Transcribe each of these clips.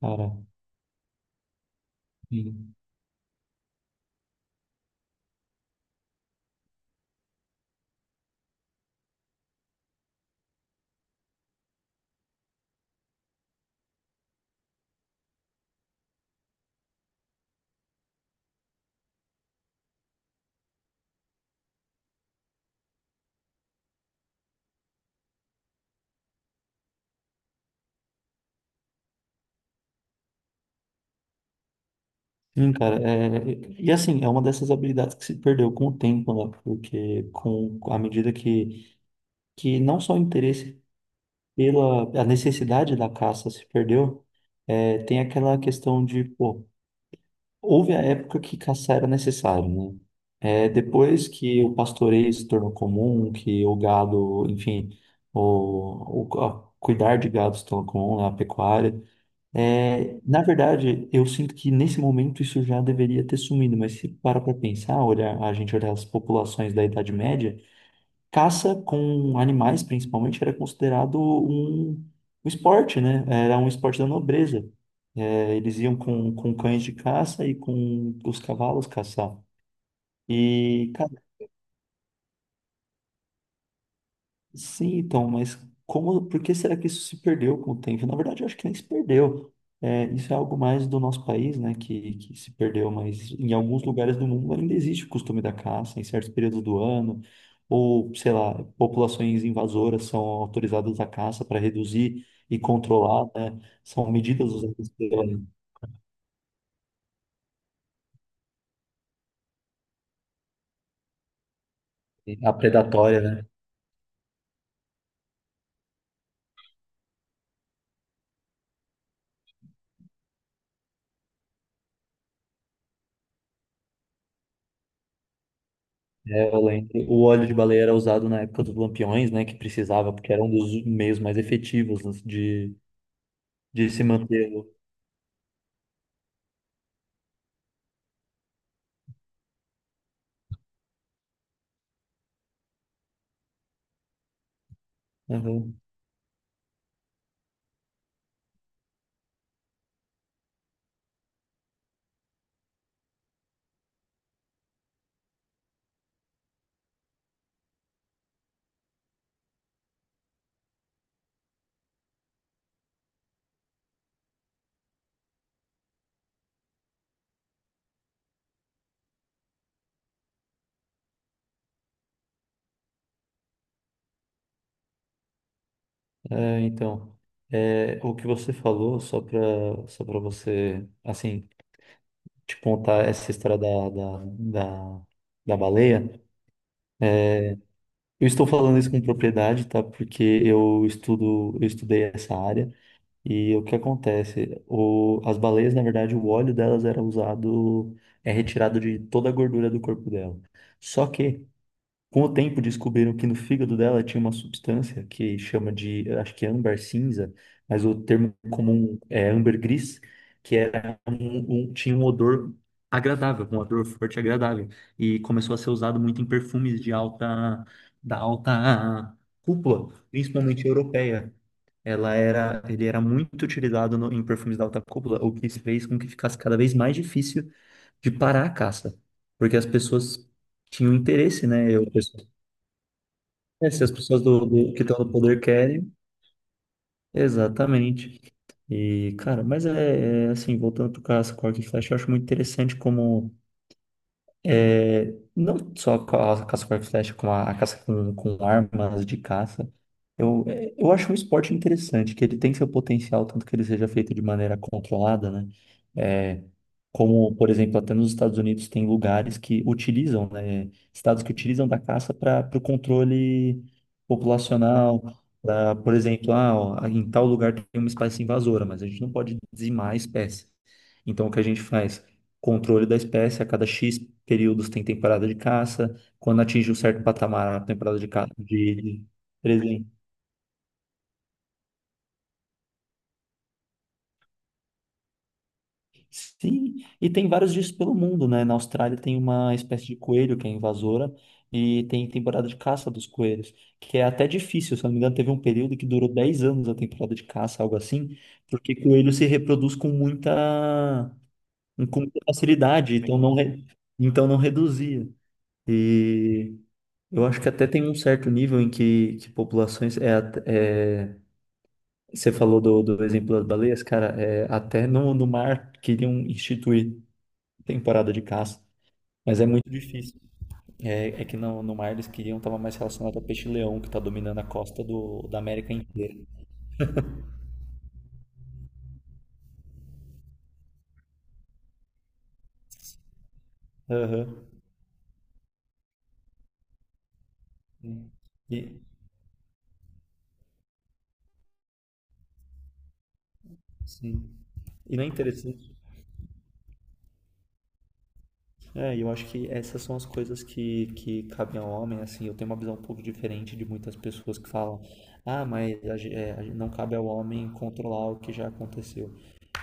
Cara, sim, sim, cara, é, e assim, é uma dessas habilidades que se perdeu com o tempo, né? Porque com a medida que não só o interesse pela a necessidade da caça se perdeu, é, tem aquela questão de, pô, houve a época que caçar era necessário, né? É, depois que o pastoreio se tornou comum, que o gado, enfim, cuidar de gado se tornou comum, né? A pecuária. É, na verdade, eu sinto que nesse momento isso já deveria ter sumido, mas se para pensar, olhar, a gente olhar as populações da Idade Média, caça com animais, principalmente, era considerado um esporte, né? Era um esporte da nobreza. É, eles iam com cães de caça e com os cavalos caçar. E, sim, então, mas como, por que será que isso se perdeu com o tempo? Na verdade, eu acho que nem se perdeu. É, isso é algo mais do nosso país, né, que se perdeu, mas em alguns lugares do mundo ainda existe o costume da caça, em certos períodos do ano, ou, sei lá, populações invasoras são autorizadas à caça para reduzir e controlar, né? São medidas usadas pela a predatória, né? É, eu lembro. O óleo de baleia era usado na época dos lampiões, né, que precisava, porque era um dos meios mais efetivos assim, de se mantê-lo. Aham. É, então, é, o que você falou, só para você, assim, te contar essa história da baleia. Eu estou falando isso com propriedade, tá? Porque eu estudo, eu estudei essa área e o que acontece? O, as baleias, na verdade, o óleo delas era usado, é retirado de toda a gordura do corpo dela. Só que com o tempo, descobriram que no fígado dela tinha uma substância que chama de, acho que é âmbar cinza, mas o termo comum é âmbar gris, que era tinha um odor agradável, um odor forte e agradável, e começou a ser usado muito em perfumes de alta, da alta cúpula, principalmente europeia. Ele era muito utilizado em perfumes da alta cúpula, o que fez com que ficasse cada vez mais difícil de parar a caça, porque as pessoas tinham interesse, né? É, se as pessoas que estão no poder querem, exatamente. E, cara, mas assim, voltando pro caso, Cork e Flash, eu acho muito interessante como. É, não só com a caça com arco e flecha, como a caça com armas de caça. Eu, é, eu acho um esporte interessante, que ele tem seu potencial, tanto que ele seja feito de maneira controlada, né? É, como, por exemplo, até nos Estados Unidos tem lugares que utilizam, né? Estados que utilizam da caça para o controle populacional. Pra, por exemplo, ah, ó, em tal lugar tem uma espécie invasora, mas a gente não pode dizimar a espécie. Então, o que a gente faz? Controle da espécie, a cada X períodos tem temporada de caça, quando atinge um certo patamar, a temporada de caça de presente. Sim, e tem vários disso pelo mundo, né? Na Austrália tem uma espécie de coelho que é invasora e tem temporada de caça dos coelhos, que é até difícil, se eu não me engano, teve um período que durou 10 anos a temporada de caça, algo assim, porque coelho se reproduz com muita facilidade, então não, então não reduzia. E eu acho que até tem um certo nível em que populações é, at- é você falou do exemplo das baleias, cara, é, até no mar queriam instituir temporada de caça, mas é muito difícil. É, é que no mar eles queriam estava mais relacionado ao peixe-leão que está dominando a costa da América inteira. Aham. E, sim. E não é interessante. É, e eu acho que essas são as coisas que cabem ao homem, assim, eu tenho uma visão um pouco diferente de muitas pessoas que falam, ah, mas a ge- é, a ge- não cabe ao homem controlar o que já aconteceu.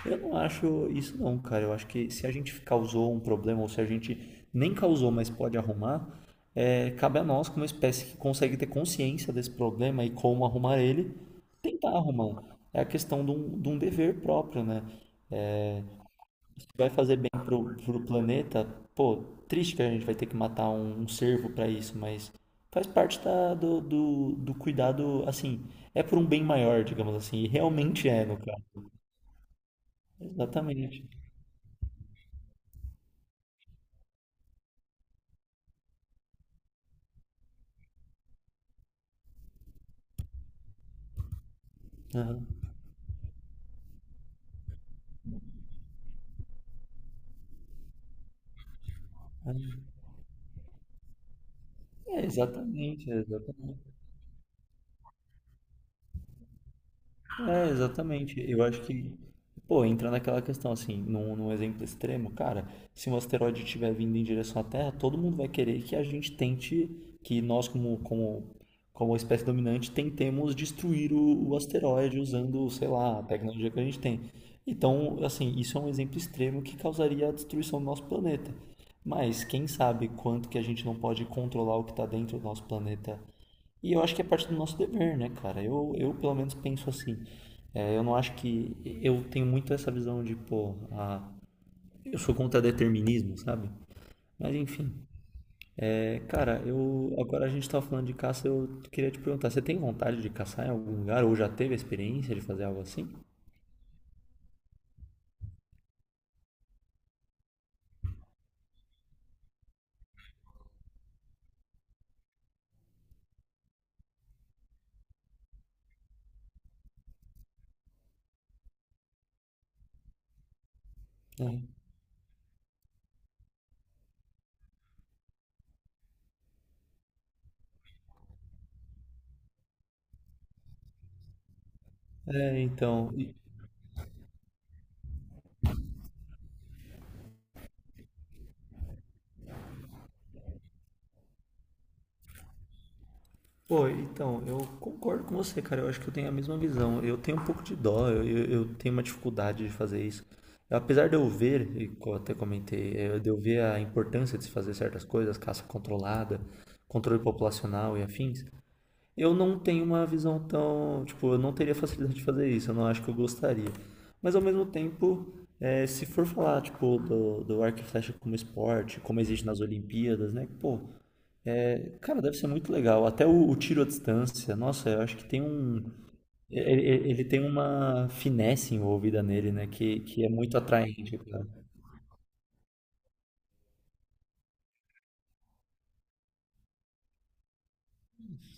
Eu não acho isso não, cara, eu acho que se a gente causou um problema, ou se a gente nem causou, mas pode arrumar, é, cabe a nós, como espécie que consegue ter consciência desse problema e como arrumar ele, tentar arrumar. Um. É a questão de um dever próprio, né? Que vai fazer bem pro planeta, pô, triste que a gente vai ter que matar um cervo pra isso, mas faz parte do cuidado, assim, é por um bem maior, digamos assim, e realmente é, no caso. Exatamente. Aham. É, exatamente, exatamente. É, exatamente. Eu acho que, pô, entra naquela questão assim, num exemplo extremo, cara, se um asteroide estiver vindo em direção à Terra, todo mundo vai querer que a gente tente, que nós como espécie dominante tentemos destruir o asteroide usando, sei lá, a tecnologia que a gente tem. Então, assim, isso é um exemplo extremo que causaria a destruição do nosso planeta. Mas quem sabe quanto que a gente não pode controlar o que está dentro do nosso planeta e eu acho que é parte do nosso dever, né, cara? Eu pelo menos penso assim. É, eu não acho que. Eu tenho muito essa visão de, pô, a, eu sou contra determinismo, sabe? Mas enfim. É, cara, eu. Agora a gente tava falando de caça, eu queria te perguntar: você tem vontade de caçar em algum lugar? Ou já teve a experiência de fazer algo assim? É, é, então. Pô, então, eu concordo com você, cara. Eu acho que eu tenho a mesma visão. Eu tenho um pouco de dó, eu tenho uma dificuldade de fazer isso. Apesar de eu ver, e até comentei, eh, de eu ver a importância de se fazer certas coisas, caça controlada, controle populacional e afins, eu não tenho uma visão tão. Tipo, eu não teria facilidade de fazer isso, eu não acho que eu gostaria. Mas ao mesmo tempo, eh, se for falar, tipo, do arco e flecha como esporte, como existe nas Olimpíadas, né? Pô. Cara, deve ser muito legal. Até o tiro à distância, nossa, eu acho que tem um. Ele tem uma finesse envolvida nele, né? Que é muito atraente, cara.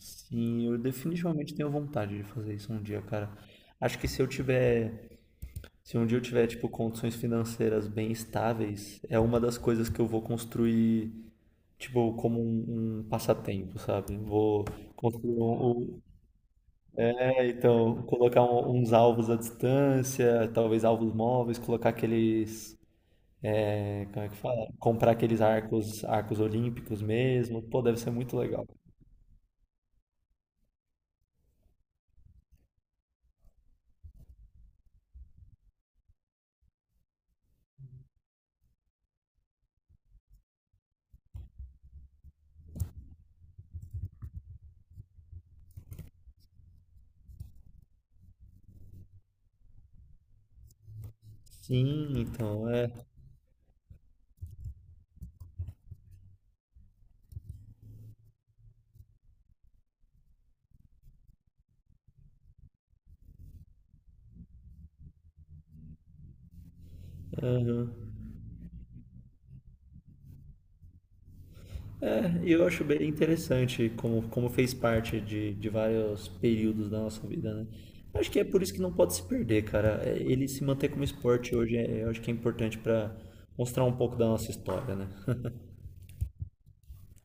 Sim, eu definitivamente tenho vontade de fazer isso um dia, cara. Acho que se eu tiver. Se um dia eu tiver, tipo, condições financeiras bem estáveis, é uma das coisas que eu vou construir, tipo, como um passatempo, sabe? Vou construir é, então, colocar uns alvos à distância, talvez alvos móveis, colocar aqueles, é, como é que fala? Comprar aqueles arcos, arcos olímpicos mesmo. Pô, deve ser muito legal. Sim, então é. É, e eu acho bem interessante como, como fez parte de vários períodos da nossa vida, né? Acho que é por isso que não pode se perder, cara. É, ele se manter como esporte hoje, é, eu acho que é importante para mostrar um pouco da nossa história, né?